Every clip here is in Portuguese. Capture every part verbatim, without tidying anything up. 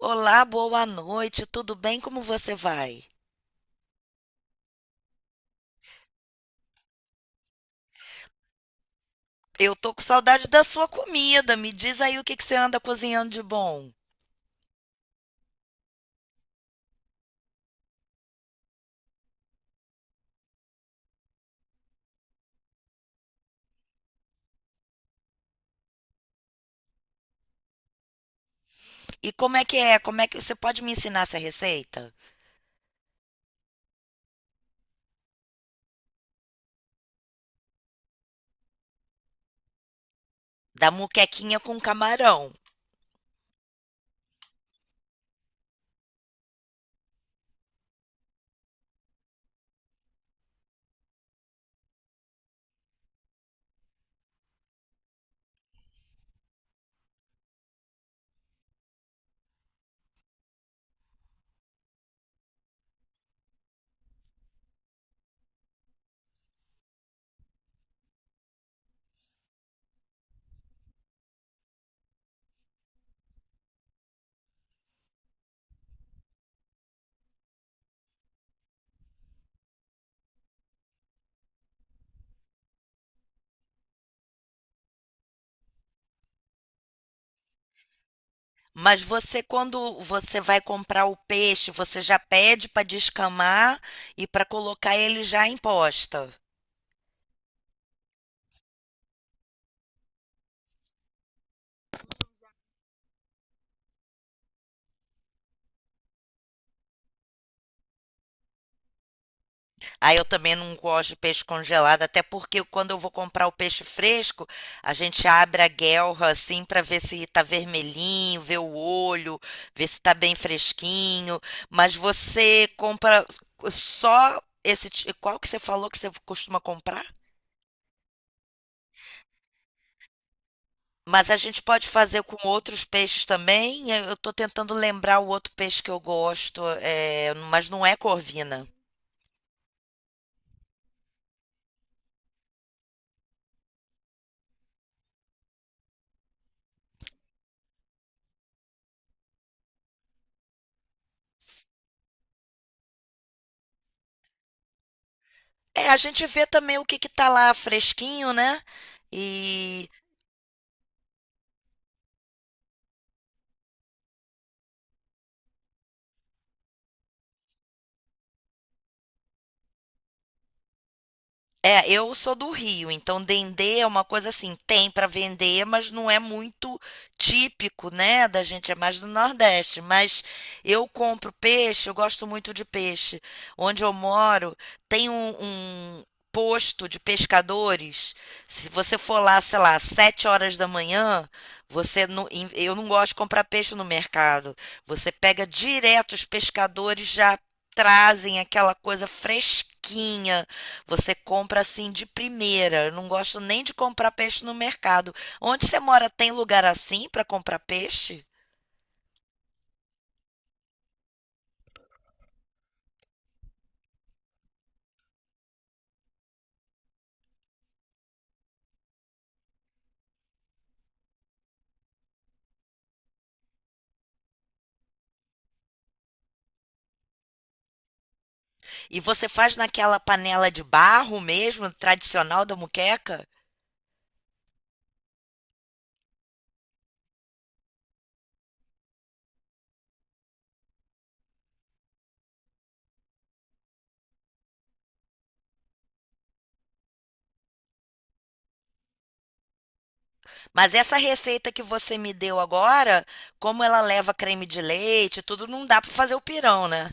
Olá, boa noite, tudo bem? Como você vai? Eu tô com saudade da sua comida. Me diz aí o que que você anda cozinhando de bom. E como é que é? Como é que você pode me ensinar essa receita? Da muquequinha com camarão. Mas você, quando você vai comprar o peixe, você já pede para descamar e para colocar ele já em posta. Aí eu também não gosto de peixe congelado, até porque quando eu vou comprar o peixe fresco, a gente abre a guelra assim para ver se tá vermelhinho, ver o olho, ver se tá bem fresquinho. Mas você compra só esse, ti- qual que você falou que você costuma comprar? Mas a gente pode fazer com outros peixes também. Eu estou tentando lembrar o outro peixe que eu gosto, é, mas não é corvina. É, a gente vê também o que que tá lá fresquinho, né? E. É, eu sou do Rio, então dendê é uma coisa assim, tem para vender, mas não é muito típico, né, da gente, é mais do Nordeste. Mas eu compro peixe, eu gosto muito de peixe. Onde eu moro, tem um, um posto de pescadores. Se você for lá, sei lá, sete horas da manhã, você não, em- eu não gosto de comprar peixe no mercado. Você pega direto, os pescadores já trazem aquela coisa fresquinha, você compra assim de primeira. Eu não gosto nem de comprar peixe no mercado. Onde você mora tem lugar assim para comprar peixe? E você faz naquela panela de barro mesmo, tradicional da muqueca? Mas essa receita que você me deu agora, como ela leva creme de leite, e tudo não dá para fazer o pirão, né?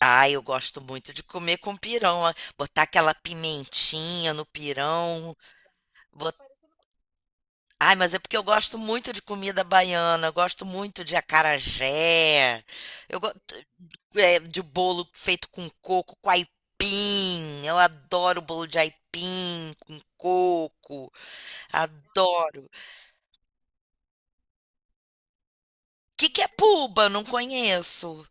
Ah, eu gosto muito de comer com pirão, ó, botar aquela pimentinha no pirão. Ai, mas é porque eu gosto muito de comida baiana, eu gosto muito de acarajé, eu gosto de bolo feito com coco, com aipim. Eu adoro bolo de aipim com coco, adoro. O Que que é puba? Eu Não conheço.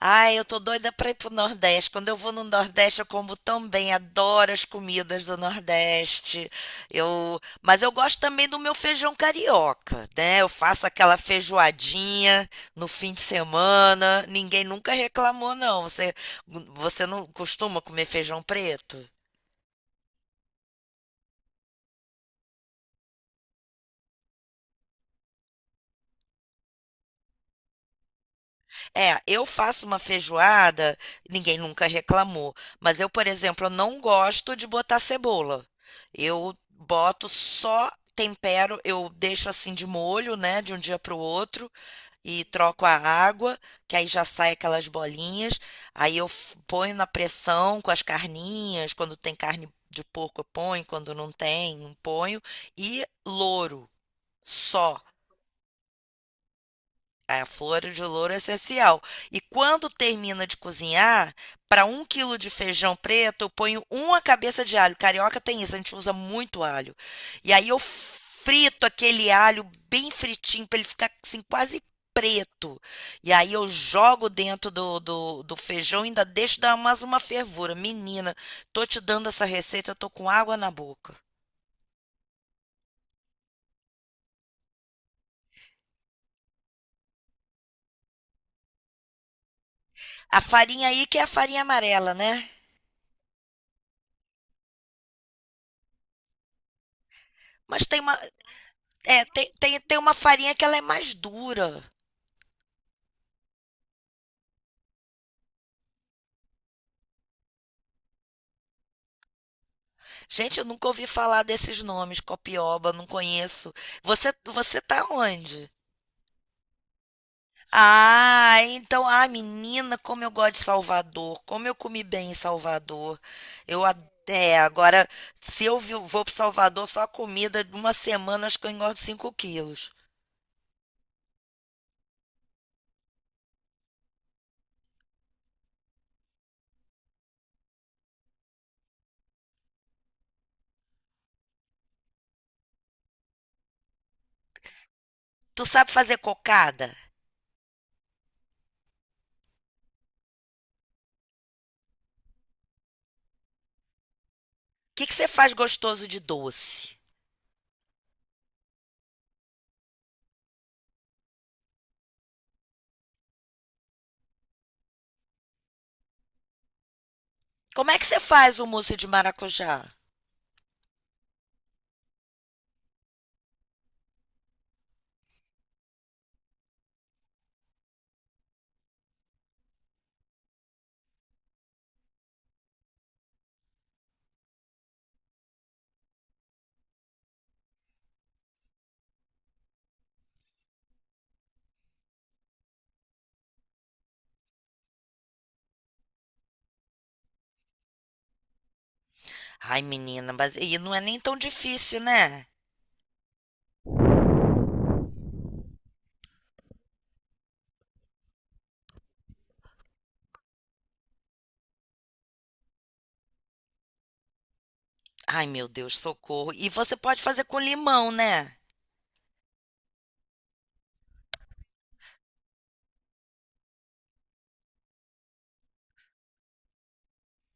Ai, eu tô doida pra ir pro Nordeste. Quando eu vou no Nordeste, eu como tão bem, adoro as comidas do Nordeste. Eu, mas eu gosto também do meu feijão carioca, né? Eu faço aquela feijoadinha no fim de semana. Ninguém nunca reclamou, não. Você, você não costuma comer feijão preto? É, eu faço uma feijoada, ninguém nunca reclamou. Mas eu, por exemplo, eu não gosto de botar cebola. Eu boto só tempero, eu deixo assim de molho, né, de um dia para o outro e troco a água, que aí já sai aquelas bolinhas. Aí eu f- ponho na pressão com as carninhas, quando tem carne de porco eu ponho, quando não tem, não ponho. E louro, só. A flor de louro é essencial. E quando termina de cozinhar, para um quilo de feijão preto, eu ponho uma cabeça de alho. Carioca tem isso, a gente usa muito alho. E aí eu frito aquele alho bem fritinho, para ele ficar assim, quase preto. E aí eu jogo dentro do, do, do feijão e ainda deixo dar mais uma fervura. Menina, tô te dando essa receita, eu tô com água na boca. A farinha aí que é a farinha amarela, né? Mas tem uma. É, tem, tem, tem uma farinha que ela é mais dura. Gente, eu nunca ouvi falar desses nomes, copioba, não conheço. Você, você tá onde? Ah, então, ah, menina, como eu gosto de Salvador, como eu comi bem em Salvador. Eu ad- É, agora, se eu vi- vou pro Salvador, só a comida de uma semana, acho que eu engordo cinco quilos. Tu sabe fazer cocada? O que que você faz gostoso de doce? Como é que você faz o mousse de maracujá? Ai, menina, mas e não é nem tão difícil, né? Ai, meu Deus, socorro. E você pode fazer com limão, né?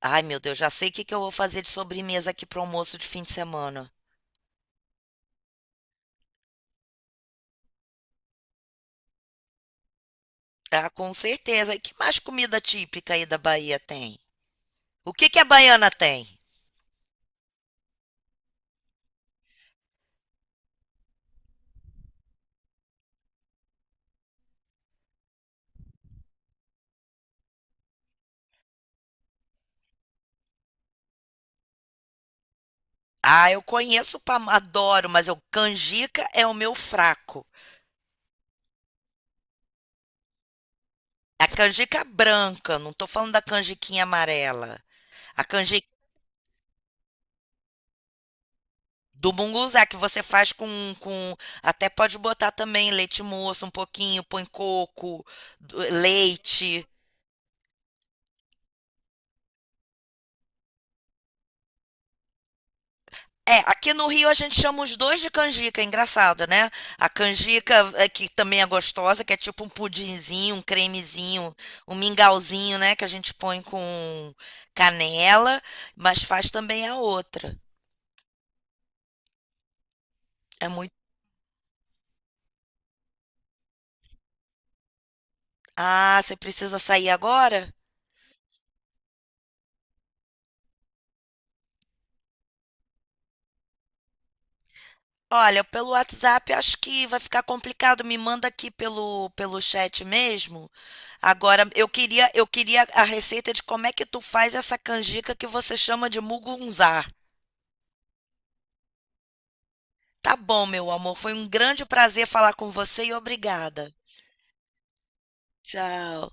Ai, meu Deus, já sei o que que eu vou fazer de sobremesa aqui pro almoço de fim de semana. Ah, com certeza. E que mais comida típica aí da Bahia tem? O que que a baiana tem? Ah, eu conheço, pam- adoro, mas eu, canjica é o meu fraco. A canjica branca, não tô falando da canjiquinha amarela. A canjiquinha Do munguzá, que você faz com, com. Até pode botar também leite moço, um pouquinho, põe coco, do- leite. É, aqui no Rio a gente chama os dois de canjica, é engraçado, né? A canjica, é, que também é gostosa, que é tipo um pudinzinho, um cremezinho, um mingauzinho, né? Que a gente põe com canela, mas faz também a outra. É muito. Ah, você precisa sair agora? Olha, pelo WhatsApp eu acho que vai ficar complicado, me manda aqui pelo pelo chat mesmo. Agora eu queria eu queria a receita de como é que tu faz essa canjica que você chama de mugunzá. Tá bom, meu amor, foi um grande prazer falar com você e obrigada. Tchau.